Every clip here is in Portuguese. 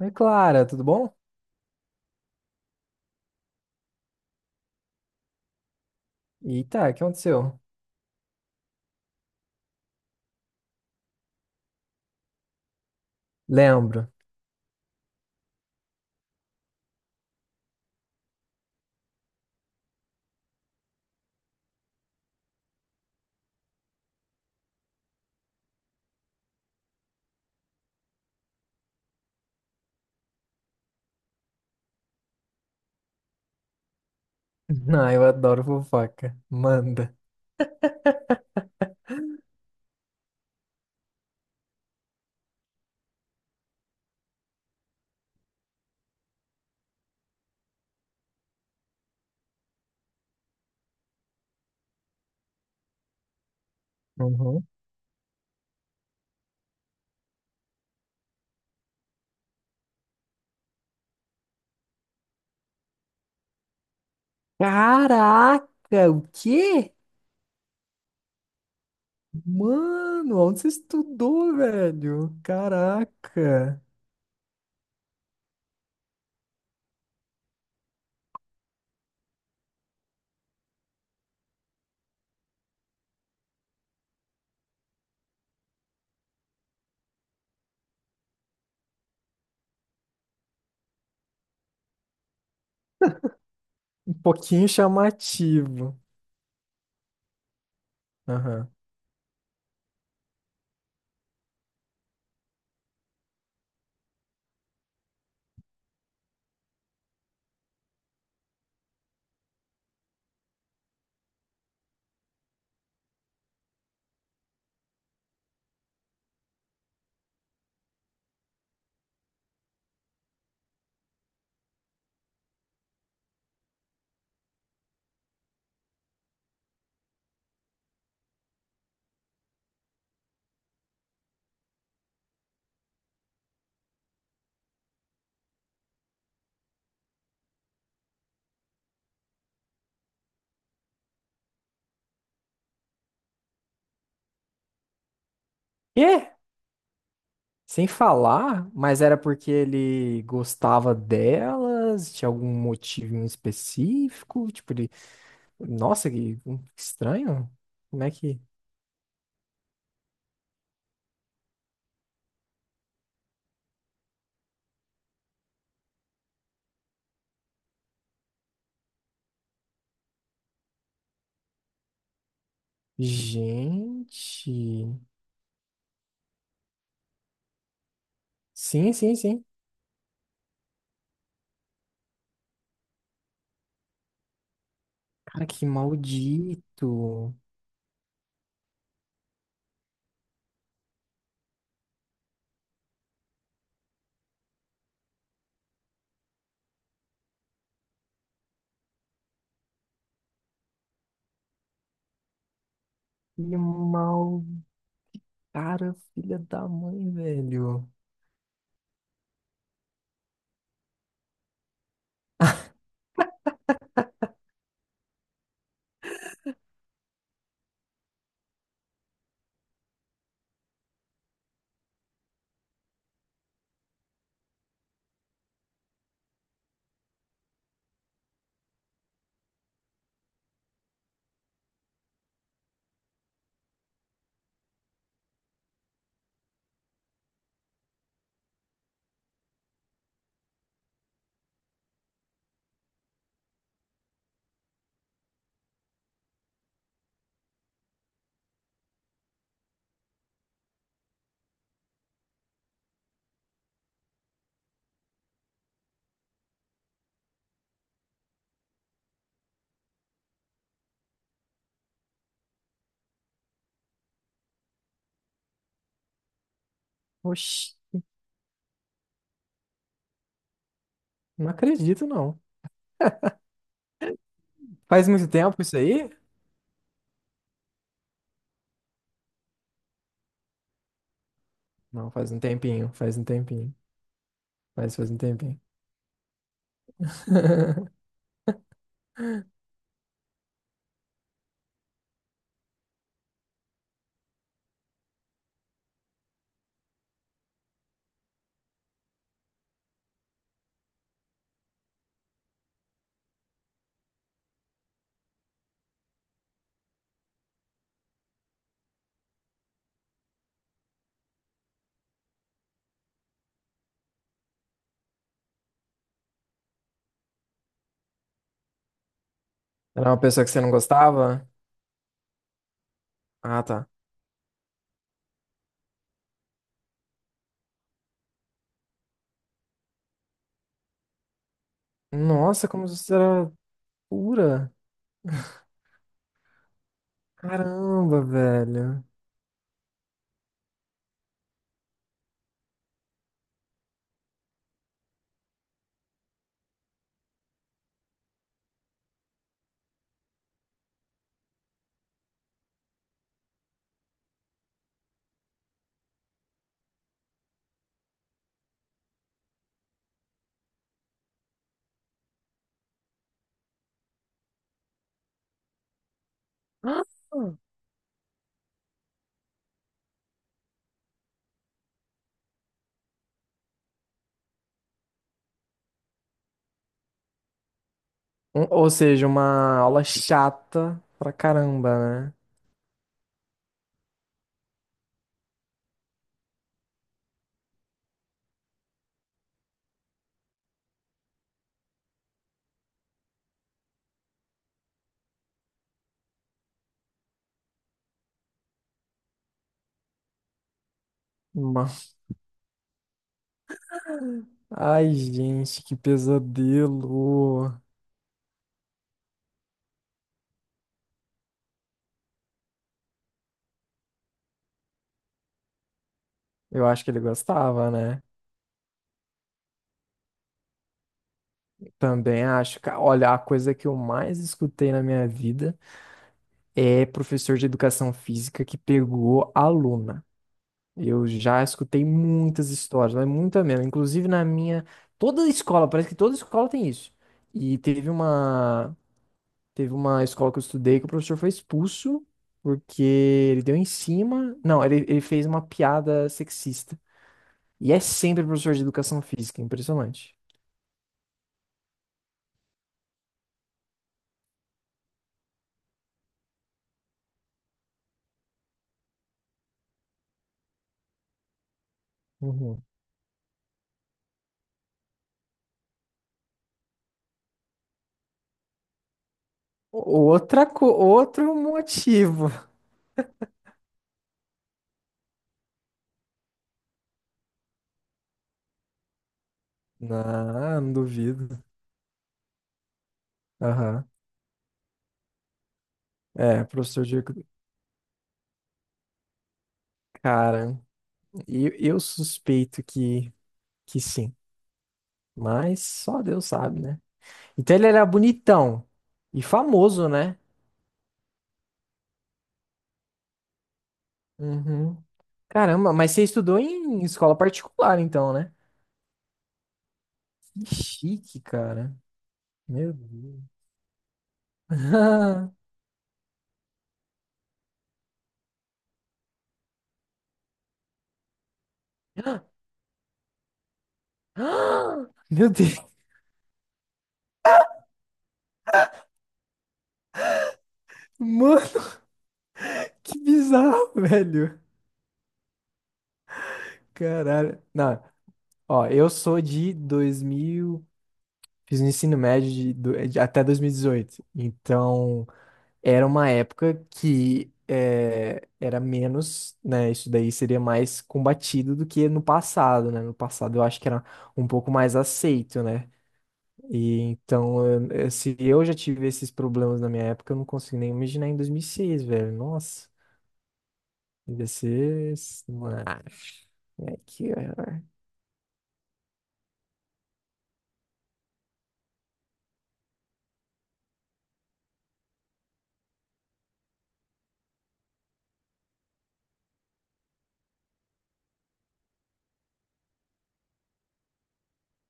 Oi, Clara, tudo bom? Eita, o que aconteceu? Lembro. Ah, eu adoro fofoca. Manda. Uhum. Caraca, o quê? Mano, onde você estudou, velho? Caraca. Um pouquinho chamativo. Aham. Quê? Sem falar? Mas era porque ele gostava delas? Tinha algum motivo em específico? Tipo, ele... Nossa, que estranho. Como é que... Gente. Sim, sim, sim. Cara, que maldito. Que mal. Cara, filha da mãe, velho. Oxi, não acredito, não. Faz muito tempo isso aí? Não, faz um tempinho, faz um tempinho. Faz, faz um tempinho. Era uma pessoa que você não gostava? Ah, tá. Nossa, como você era pura. Caramba, velho. Uma aula chata pra caramba, né? Uma Ai, gente, que pesadelo. Eu acho que ele gostava, né? Também acho. Olha, a coisa que eu mais escutei na minha vida é professor de educação física que pegou aluna. Eu já escutei muitas histórias, mas muita mesmo. Inclusive na minha. Toda escola, parece que toda escola tem isso. E teve uma. Teve uma escola que eu estudei que o professor foi expulso porque ele deu em cima. Não, ele fez uma piada sexista. E é sempre professor de educação física, impressionante. Uhum. Outro motivo. Não, não duvido. Aham. É, professor de. Cara, eu suspeito que sim. Mas só Deus sabe, né? Então ele era bonitão e famoso, né? Uhum. Caramba, mas você estudou em escola particular, então, né? Que chique, cara. Meu Deus. Meu Deus. Mano. Que bizarro, velho. Caralho. Não, ó, eu sou de 2000, fiz o ensino médio até 2018. Então, era uma época era menos, né? Isso daí seria mais combatido do que no passado, né? No passado eu acho que era um pouco mais aceito, né? E então, se eu já tive esses problemas na minha época, eu não consigo nem imaginar em 2006, velho. Nossa, devia ser. Ah, é que. ah,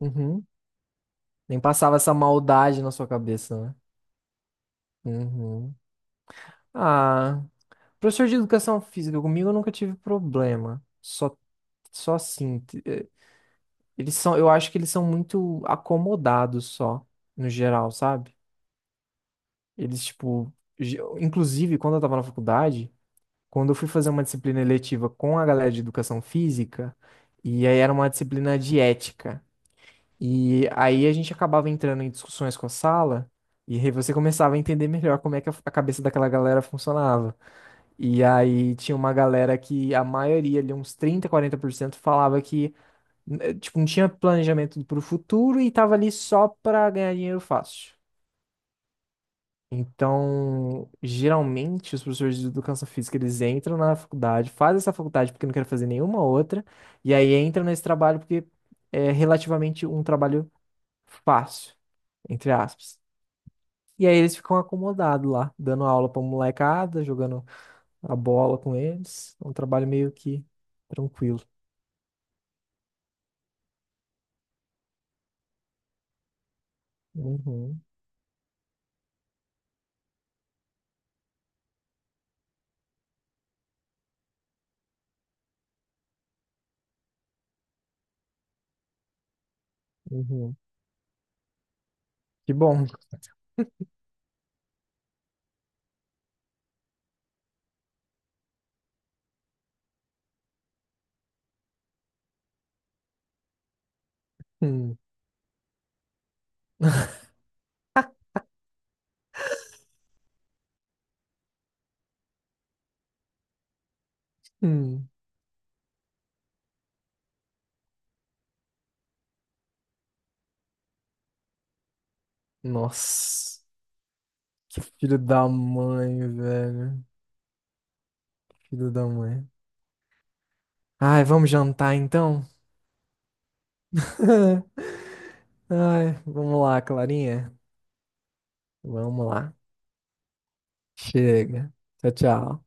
Uhum. Nem passava essa maldade na sua cabeça, né? Uhum. Ah, professor de educação física, comigo eu nunca tive problema. Só, só assim, t- eh, Eles são, eu acho que eles são muito acomodados só, no geral, sabe? Eles, tipo, inclusive quando eu tava na faculdade, quando eu fui fazer uma disciplina eletiva com a galera de educação física, e aí era uma disciplina de ética. E aí a gente acabava entrando em discussões com a sala, e aí você começava a entender melhor como é que a cabeça daquela galera funcionava. E aí tinha uma galera que a maioria, ali uns 30 40% falava que tipo, não tinha planejamento pro futuro e tava ali só pra ganhar dinheiro fácil. Então, geralmente, os professores de educação física, eles entram na faculdade, fazem essa faculdade porque não querem fazer nenhuma outra, e aí entram nesse trabalho porque é relativamente um trabalho fácil, entre aspas. E aí eles ficam acomodados lá, dando aula pra molecada, jogando a bola com eles. É um trabalho meio que tranquilo. Uhum, uhum. Que bom. Hum, hum. Nossa, que filho da mãe, velho. Filho da mãe. Ai, vamos jantar então? Ai, vamos lá, Clarinha. Vamos lá. Chega. Tchau, tchau.